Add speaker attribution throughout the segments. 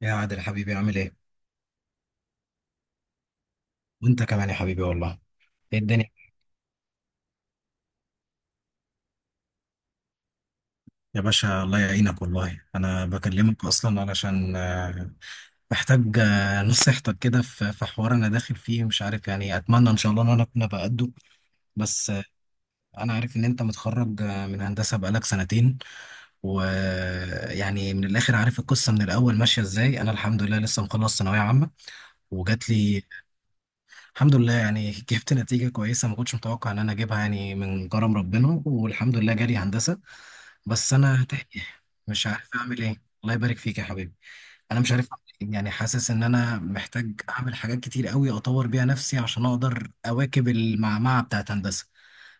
Speaker 1: يا عادل حبيبي، عامل ايه؟ وانت كمان يا حبيبي والله. ايه الدنيا؟ يا باشا الله يعينك والله. انا بكلمك اصلا علشان محتاج نصيحتك كده في حوار انا داخل فيه، مش عارف، يعني اتمنى ان شاء الله ان انا اكون بقده. بس، انا عارف ان انت متخرج من هندسة بقالك سنتين، ويعني من الاخر عارف القصة من الاول ماشية ازاي. انا الحمد لله لسه مخلص ثانوية عامة وجات لي الحمد لله، يعني جبت نتيجة كويسة، ما كنتش متوقع إن أنا أجيبها، يعني من كرم ربنا والحمد لله جالي هندسة، بس أنا تايه. مش عارف أعمل إيه. الله يبارك فيك يا حبيبي. أنا مش عارف أعمل إيه، يعني حاسس إن أنا محتاج أعمل حاجات كتير قوي أطور بيها نفسي عشان أقدر أواكب المعمعة بتاعت هندسة،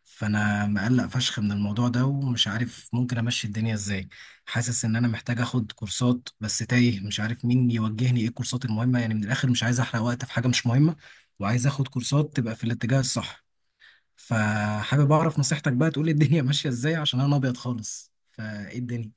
Speaker 1: فأنا مقلق فشخ من الموضوع ده ومش عارف ممكن أمشي الدنيا إزاي. حاسس إن أنا محتاج آخد كورسات بس تايه، مش عارف مين يوجهني إيه الكورسات المهمة، يعني من الآخر مش عايز أحرق وقت في حاجة مش مهمة، وعايز اخد كورسات تبقى في الاتجاه الصح. فحابب اعرف نصيحتك بقى، تقولي الدنيا ماشيه ازاي عشان انا ابيض خالص، فايه الدنيا؟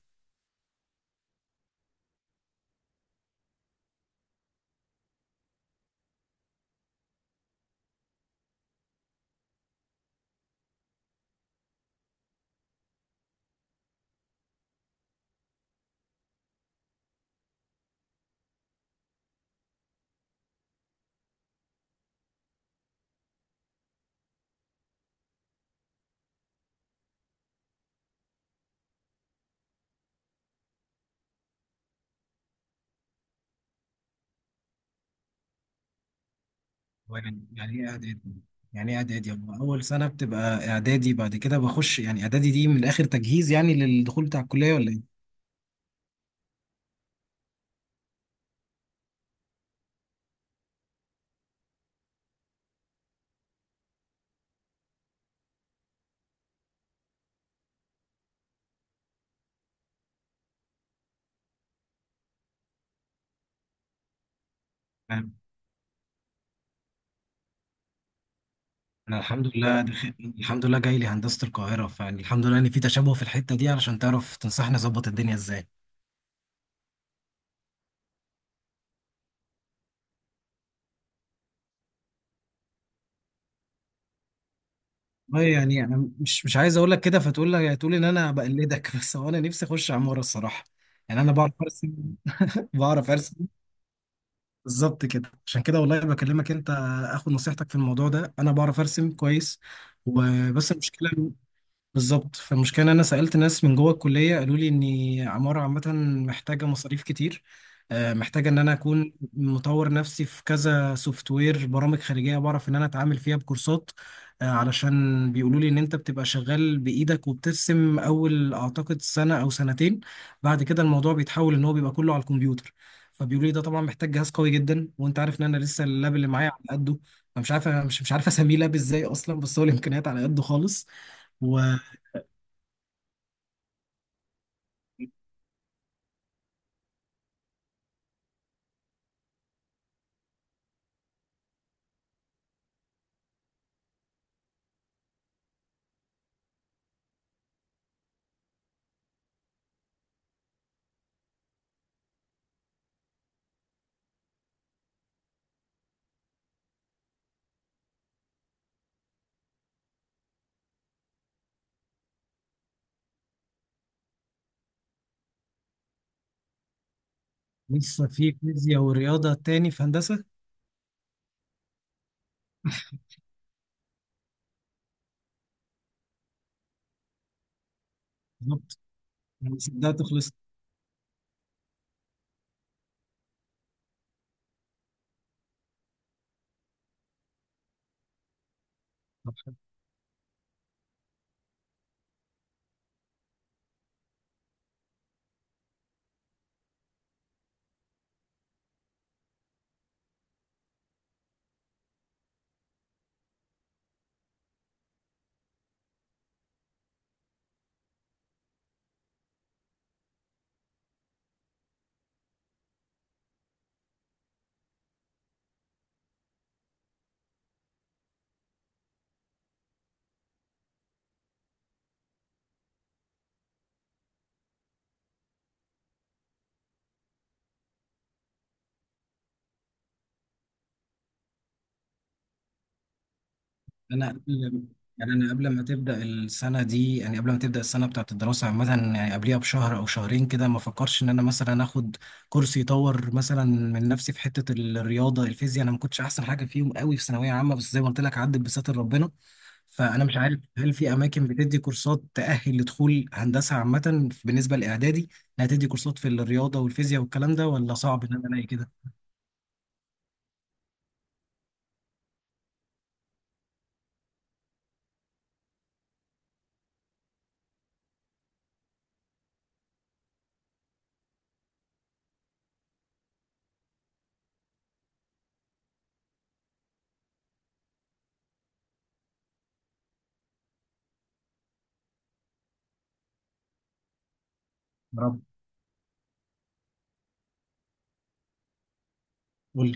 Speaker 1: هو يعني ايه اعدادي؟ يعني ايه اعدادي؟ هو اول سنه بتبقى اعدادي بعد كده بخش، يعني اعدادي دي من الاخر تجهيز يعني للدخول بتاع الكليه ولا ايه؟ تمام. انا الحمد لله الحمد لله جاي لي هندسه القاهره، فيعني الحمد لله ان في تشابه في الحته دي علشان تعرف تنصحني اظبط الدنيا ازاي. والله يعني انا مش عايز اقول لك كده فتقول لك تقول ان انا بقلدك بس هو انا نفسي اخش عماره الصراحه. يعني انا بعرف ارسم. بعرف ارسم بالظبط كده، عشان كده والله بكلمك انت اخد نصيحتك في الموضوع ده. انا بعرف ارسم كويس، وبس المشكله بالظبط. فالمشكلة إن أنا سألت ناس من جوه الكلية، قالوا لي إن عمارة عامة محتاجة مصاريف كتير، محتاجة إن أنا أكون مطور نفسي في كذا سوفت وير، برامج خارجية بعرف إن أنا أتعامل فيها بكورسات، علشان بيقولوا لي إن أنت بتبقى شغال بإيدك وبترسم أول أعتقد سنة أو سنتين، بعد كده الموضوع بيتحول إن هو بيبقى كله على الكمبيوتر. فبيقولوا لي ده طبعا محتاج جهاز قوي جدا، وأنت عارف إن أنا لسه اللاب اللي معايا على قده، فمش عارف، مش عارف أسميه لاب إزاي أصلا، بس هو الإمكانيات على قده خالص. لسه في فيزياء ورياضة تاني في هندسة؟ بالظبط. أنا صدقت خلصت. أنا قبل يعني أنا قبل ما تبدأ السنة دي، يعني قبل ما تبدأ السنة بتاعة الدراسة عامة، يعني قبليها بشهر أو شهرين كده، ما فكرش إن أنا مثلا آخد كورس يطور مثلا من نفسي في حتة الرياضة الفيزياء؟ أنا ما كنتش أحسن حاجة فيهم قوي في ثانوية عامة، بس زي ما قلت لك عدت بستر ربنا. فأنا مش عارف هل في أماكن بتدي كورسات تأهل لدخول هندسة عامة بالنسبة لإعدادي، إنها تدي كورسات في الرياضة والفيزياء والكلام ده، ولا صعب إن أنا ألاقي كده؟ يا رب. قول.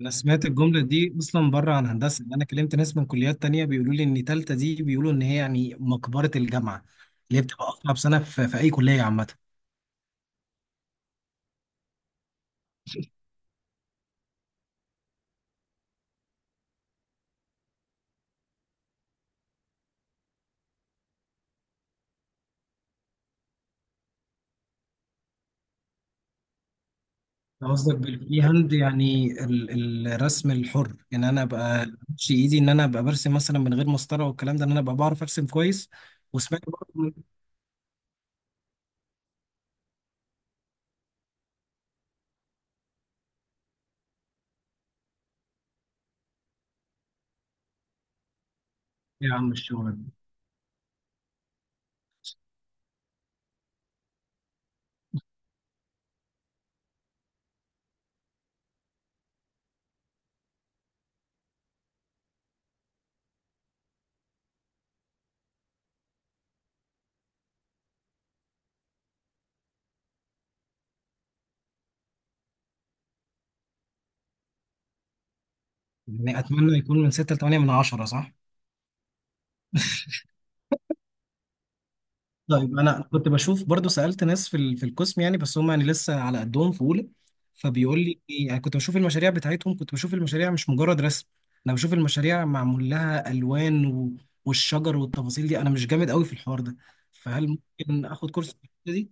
Speaker 1: انا سمعت الجمله دي اصلا بره عن هندسه، يعني انا كلمت ناس من كليات تانية، بيقولوا لي ان تالتة دي بيقولوا ان هي يعني مقبره الجامعه، اللي هي بتبقى اصعب سنه في اي كليه عامه. أنا قصدك بالفري هاند يعني الرسم الحر، يعني انا ابقى امشي ايدي ان انا ابقى برسم مثلا من غير مسطره والكلام ده، ان انا ابقى بعرف ارسم كويس، وسمعت برضه يا عم الشغل ده. يعني اتمنى يكون من 6 ل 8 من 10، صح؟ طيب انا كنت بشوف برضو، سالت ناس في القسم، يعني بس هم يعني لسه على قدهم في اولى، فبيقول لي، يعني كنت بشوف المشاريع بتاعتهم، كنت بشوف المشاريع مش مجرد رسم، انا بشوف المشاريع معمول لها الوان والشجر والتفاصيل دي، انا مش جامد قوي في الحوار ده، فهل ممكن اخد كورس في الحتة دي؟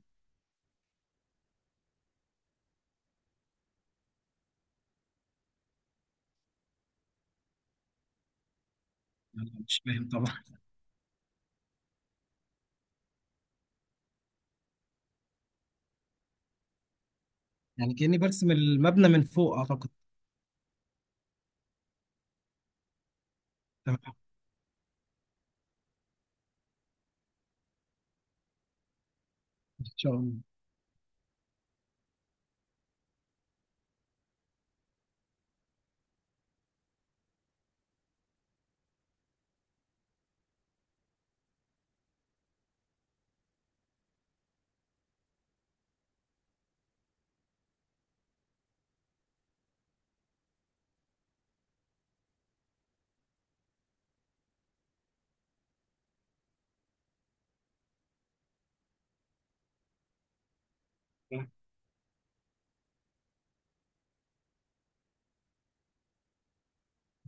Speaker 1: انا مش فاهم طبعا. يعني كاني برسم المبنى من فوق اعتقد. تمام. ان شاء الله.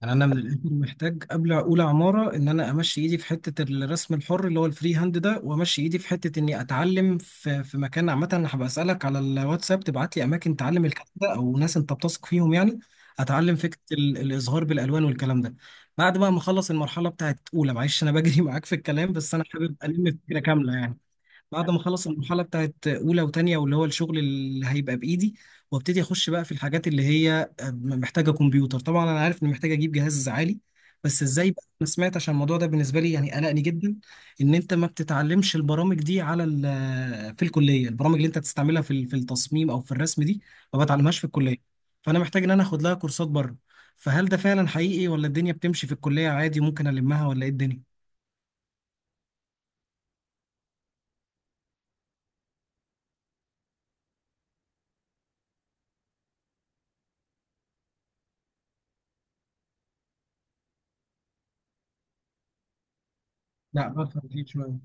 Speaker 1: يعني انا من الاخر محتاج قبل اقول عماره ان انا امشي ايدي في حته الرسم الحر اللي هو الفري هاند ده، وامشي ايدي في حته اني اتعلم في مكان عامه. انا هبقى اسالك على الواتساب تبعت لي اماكن تعلم الكلام ده او ناس انت بتثق فيهم يعني، اتعلم فكره الازهار بالالوان والكلام ده. بعد بقى ما اخلص المرحله بتاعت اولى، معلش انا بجري معاك في الكلام بس انا حابب الم فكره كامله يعني. بعد ما اخلص المرحله بتاعت اولى وتانية، واللي هو الشغل اللي هيبقى بايدي، وابتدي اخش بقى في الحاجات اللي هي محتاجه كمبيوتر، طبعا انا عارف اني محتاج اجيب جهاز عالي، بس ازاي بقى؟ انا سمعت، عشان الموضوع ده بالنسبه لي يعني قلقني جدا، ان انت ما بتتعلمش البرامج دي في الكليه، البرامج اللي انت تستعملها في التصميم او في الرسم دي ما بتعلمهاش في الكليه، فانا محتاج ان انا اخد لها كورسات بره، فهل ده فعلا حقيقي ولا الدنيا بتمشي في الكليه عادي ممكن المها، ولا ايه الدنيا؟ لا، بفهم فيه شويه.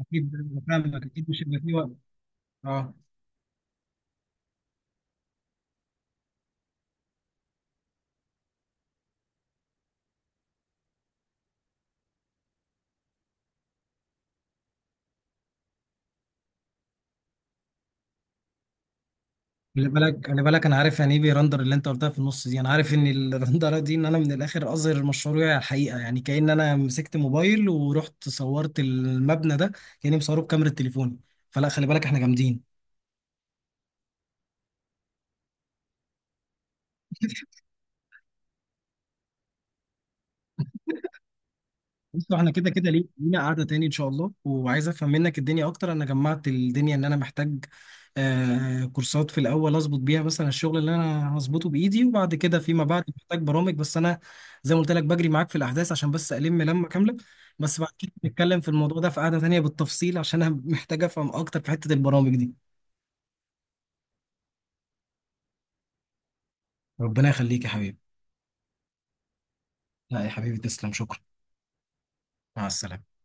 Speaker 1: اكيد. فاهمك، اكيد مش هيبقى فيه وقت. اه، خلي بالك خلي بالك، انا عارف يعني ايه بيرندر اللي انت قلتها في النص دي، انا عارف ان الرندره دي ان انا من الاخر اظهر مشروعي على الحقيقه، يعني كأن انا مسكت موبايل ورحت صورت المبنى ده، كأني مصوره بكاميرا تليفوني، فلا خلي بالك احنا جامدين. بصوا، احنا كده كده لينا قعدة تاني ان شاء الله، وعايز افهم منك الدنيا اكتر. انا جمعت الدنيا ان انا محتاج كورسات في الاول اظبط بيها مثلا الشغل اللي انا هظبطه بايدي، وبعد كده فيما بعد محتاج برامج، بس انا زي ما قلت لك بجري معاك في الاحداث عشان بس الم لمة كاملة، بس بعد كده نتكلم في الموضوع ده في قعدة تانية بالتفصيل، عشان انا محتاج افهم اكتر في حتة البرامج دي. ربنا يخليك يا حبيبي. لا يا حبيبي، تسلم، شكرا. مع السلامة.